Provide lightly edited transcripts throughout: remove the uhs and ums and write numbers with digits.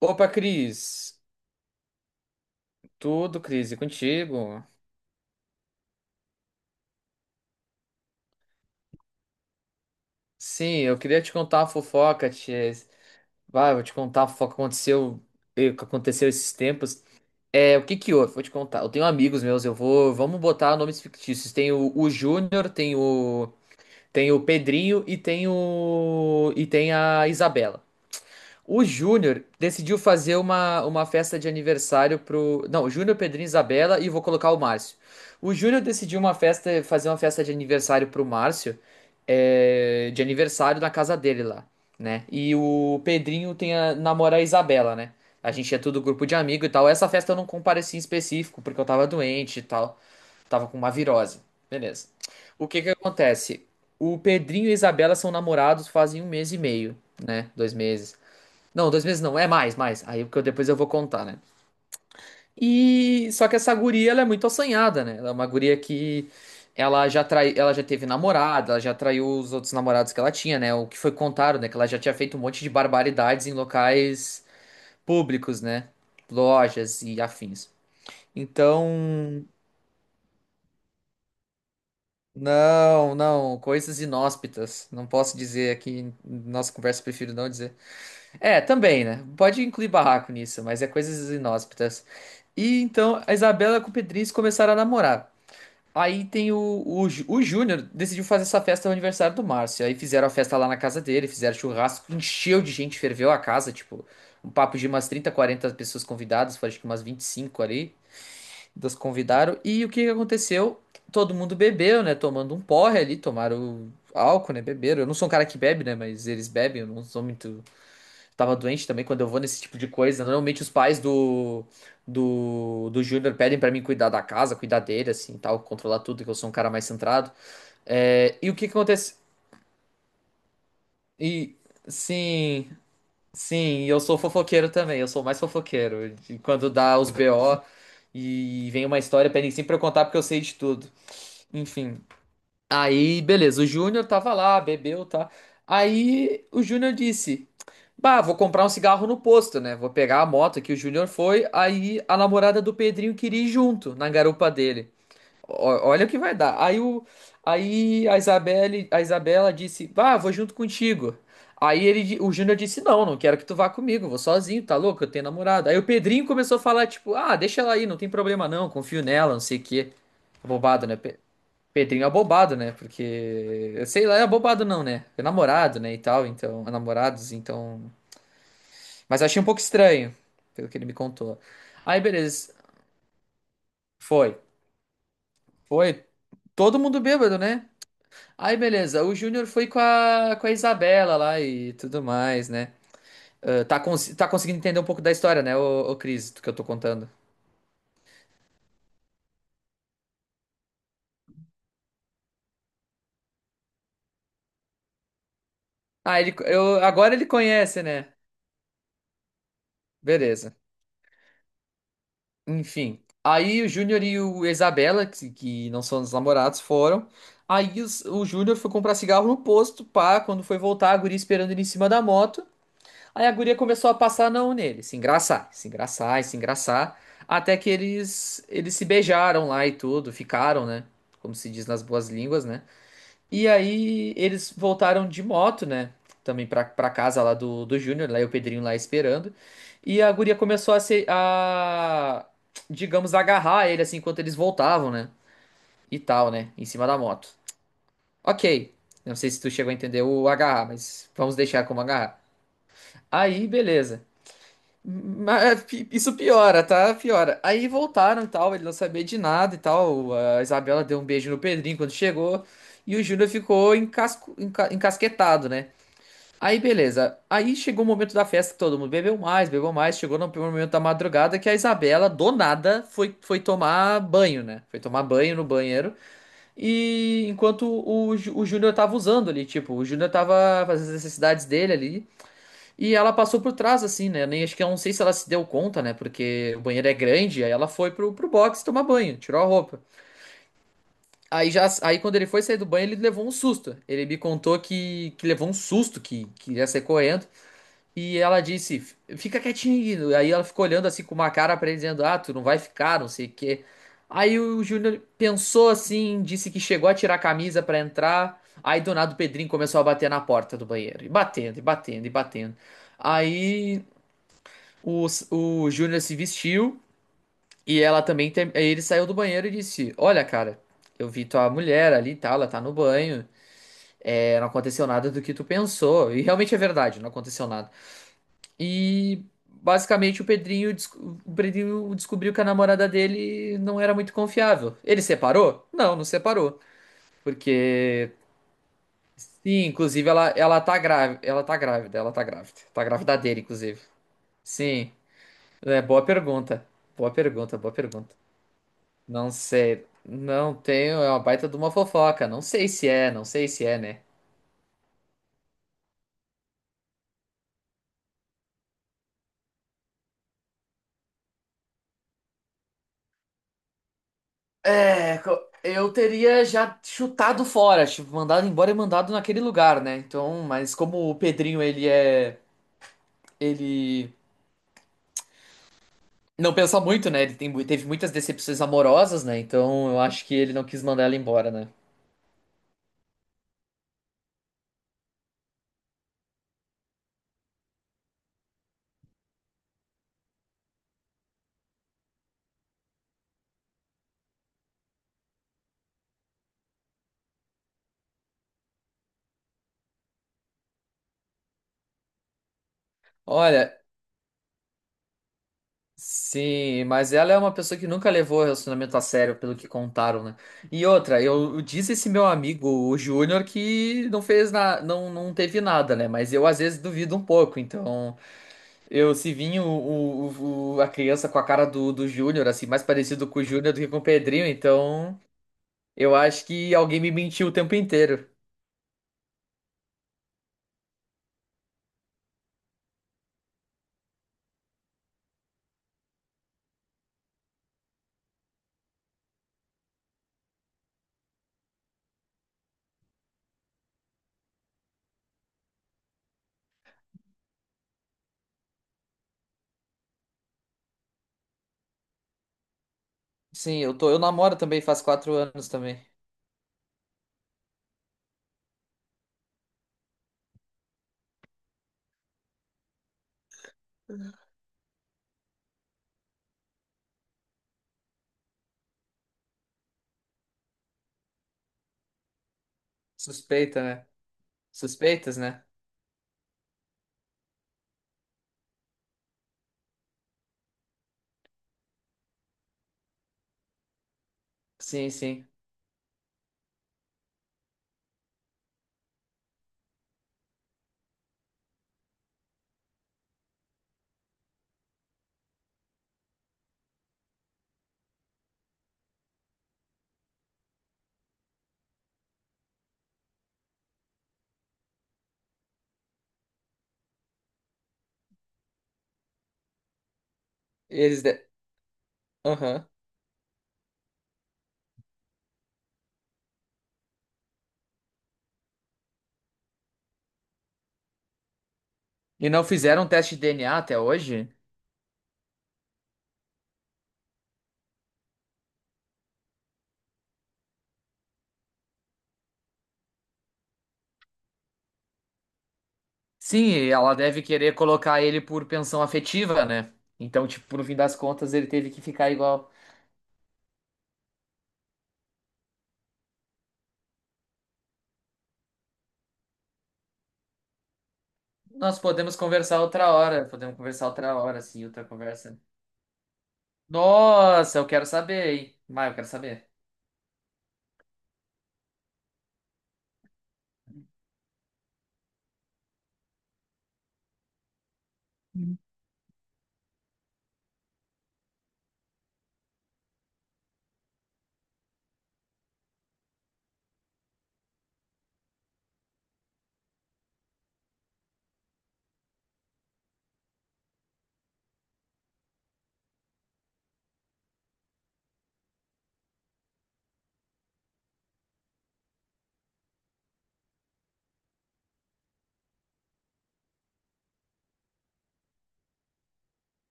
Opa, Cris. Tudo, Cris, e contigo? Sim, eu queria te contar uma fofoca, tia. Vai, eu vou te contar a fofoca que aconteceu esses tempos. É, o que que houve? Vou te contar. Eu tenho amigos meus, vamos botar nomes fictícios. Tem o Júnior, tem o Pedrinho e tem a Isabela. O Júnior decidiu fazer uma festa de aniversário pro. Não, o Júnior, Pedrinho, Isabela e vou colocar o Márcio. O Júnior decidiu fazer uma festa de aniversário pro Márcio, de aniversário na casa dele lá, né? E o Pedrinho tem a namorar a Isabela, né? A gente é tudo grupo de amigo e tal. Essa festa eu não compareci em específico, porque eu tava doente e tal. Tava com uma virose. Beleza. O que que acontece? O Pedrinho e a Isabela são namorados fazem um mês e meio, né? 2 meses. Não, 2 meses não, é mais, mais. Aí porque depois eu vou contar, né? E só que essa guria, ela é muito assanhada, né? Ela é uma guria que ela já trai, ela já teve namorada, ela já traiu os outros namorados que ela tinha, né? O que foi contado, né? Que ela já tinha feito um monte de barbaridades em locais públicos, né? Lojas e afins. Então, não, não, coisas inóspitas. Não posso dizer aqui, em nossa conversa, prefiro não dizer. É, também, né? Pode incluir barraco nisso, mas é coisas inóspitas. E então a Isabela com o Pedrinho começaram a namorar. Aí tem o Júnior decidiu fazer essa festa no aniversário do Márcio. Aí fizeram a festa lá na casa dele, fizeram churrasco, encheu de gente, ferveu a casa, tipo, um papo de umas 30, 40 pessoas convidadas, foi acho que umas 25 ali, das convidaram. E o que que aconteceu? Todo mundo bebeu, né? Tomando um porre ali, tomaram álcool, né? Beberam. Eu não sou um cara que bebe, né? Mas eles bebem, eu não sou muito. Tava doente também quando eu vou nesse tipo de coisa. Normalmente os pais do Júnior pedem pra mim cuidar da casa, cuidar dele, assim, tal, controlar tudo, que eu sou um cara mais centrado. É, e o que que acontece? E sim, sim, eu sou fofoqueiro também, eu sou mais fofoqueiro. E quando dá os BO e vem uma história, pedem sempre pra eu contar porque eu sei de tudo. Enfim. Aí, beleza, o Júnior tava lá, bebeu, tá? Aí o Júnior disse: Bah, vou comprar um cigarro no posto, né? Vou pegar a moto que o Júnior foi. Aí a namorada do Pedrinho queria ir junto na garupa dele. Olha o que vai dar. Aí, o, aí a Isabelle, a Isabela disse: Bah, vou junto contigo. Aí o Júnior disse: Não, não quero que tu vá comigo, vou sozinho, tá louco? Eu tenho namorada. Aí o Pedrinho começou a falar: Tipo, ah, deixa ela aí, não tem problema não, confio nela, não sei o quê. Bobado, né? Pedrinho é abobado, né? Porque, eu sei lá, é abobado não, né? É namorado, né, e tal, então, é namorados, então... Mas achei um pouco estranho, pelo que ele me contou. Aí, beleza, foi. Foi todo mundo bêbado, né? Aí, beleza, o Júnior foi com a Isabela lá e tudo mais, né? Ah, tá, tá conseguindo entender um pouco da história, né, ô Cris, do que eu tô contando. Ah, agora ele conhece, né? Beleza. Enfim. Aí o Júnior e o Isabela, que não são os namorados, foram. Aí o Júnior foi comprar cigarro no posto, pá. Quando foi voltar, a guria esperando ele em cima da moto. Aí a guria começou a passar a mão nele, se engraçar, se engraçar e se engraçar. Até que eles se beijaram lá e tudo, ficaram, né? Como se diz nas boas línguas, né? E aí eles voltaram de moto, né? Também pra casa lá do Júnior, lá e o Pedrinho lá esperando. E a guria começou a se, a, digamos, agarrar ele assim enquanto eles voltavam, né? E tal, né? Em cima da moto. Ok. Não sei se tu chegou a entender o agarrar, mas vamos deixar como agarrar. Aí, beleza. Mas isso piora, tá? Piora. Aí voltaram e tal, ele não sabia de nada e tal. A Isabela deu um beijo no Pedrinho quando chegou. E o Júnior ficou encasquetado, né? Aí beleza. Aí chegou o momento da festa que todo mundo bebeu mais, bebeu mais. Chegou no primeiro momento da madrugada que a Isabela, do nada, foi tomar banho, né? Foi tomar banho no banheiro. E enquanto o Júnior tava usando ali, tipo, o Júnior tava fazendo as necessidades dele ali. E ela passou por trás, assim, né? Nem, acho que eu não sei se ela se deu conta, né? Porque o banheiro é grande, aí ela foi pro box tomar banho, tirou a roupa. Aí quando ele foi sair do banho, ele levou um susto. Ele me contou que, que ia sair correndo. E ela disse, fica quietinho. Aí ela ficou olhando assim com uma cara pra ele, dizendo, ah, tu não vai ficar, não sei o quê. Aí o Júnior pensou assim, disse que chegou a tirar a camisa pra entrar. Aí do nada o Pedrinho começou a bater na porta do banheiro. E batendo, e batendo, e batendo. Aí o Júnior se vestiu e ela também. Aí ele saiu do banheiro e disse: Olha, cara, eu vi tua mulher ali e tal, ela tá no banho. É, não aconteceu nada do que tu pensou. E realmente é verdade, não aconteceu nada. E basicamente o Pedrinho descobriu que a namorada dele não era muito confiável. Ele separou? Não, não separou. Porque. Sim, inclusive ela tá grávida. Ela tá grávida, ela tá grávida. Tá grávida dele, inclusive. Sim. É, boa pergunta. Boa pergunta, boa pergunta. Não sei. Não tenho. É uma baita de uma fofoca. Não sei se é, não sei se é, né? É, eu teria já chutado fora, tipo, mandado embora e mandado naquele lugar, né? Então, mas como o Pedrinho, ele é. Ele não pensa muito, né? Ele teve muitas decepções amorosas, né? Então eu acho que ele não quis mandar ela embora, né? Olha. Sim, mas ela é uma pessoa que nunca levou relacionamento a sério, pelo que contaram, né? E outra, eu disse esse meu amigo, o Júnior, que não fez na, não, não teve nada, né? Mas eu às vezes duvido um pouco. Então, eu se vinha a criança com a cara do Júnior, assim, mais parecido com o Júnior do que com o Pedrinho, então eu acho que alguém me mentiu o tempo inteiro. Sim, eu namoro também faz 4 anos também. Suspeita, né? Suspeitas, né? Sim, sim. Eles. De... Aham. E não fizeram um teste de DNA até hoje? Sim, e ela deve querer colocar ele por pensão afetiva, né? Então, tipo, no fim das contas, ele teve que ficar igual. Nós podemos conversar outra hora, podemos conversar outra hora, assim, outra conversa. Nossa, eu quero saber, hein? Mas eu quero saber.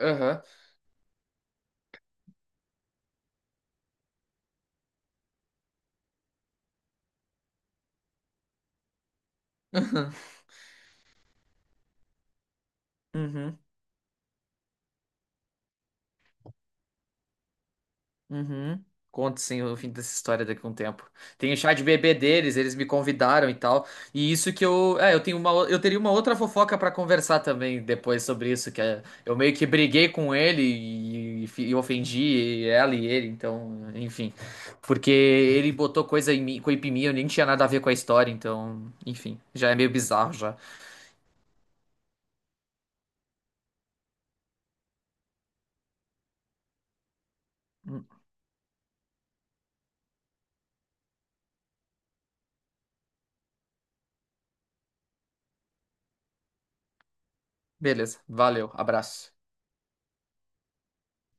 Aham. Uhum. Uhum. Conto sim o fim dessa história daqui a um tempo. Tem o chá de bebê deles, eles me convidaram e tal. E isso que eu teria uma outra fofoca pra conversar também depois sobre isso, que é, eu meio que briguei com ele e ofendi ela e ele, então, enfim, porque ele botou coisa em mim, eu nem tinha nada a ver com a história, então, enfim, já é meio bizarro já. Beleza, valeu, abraço.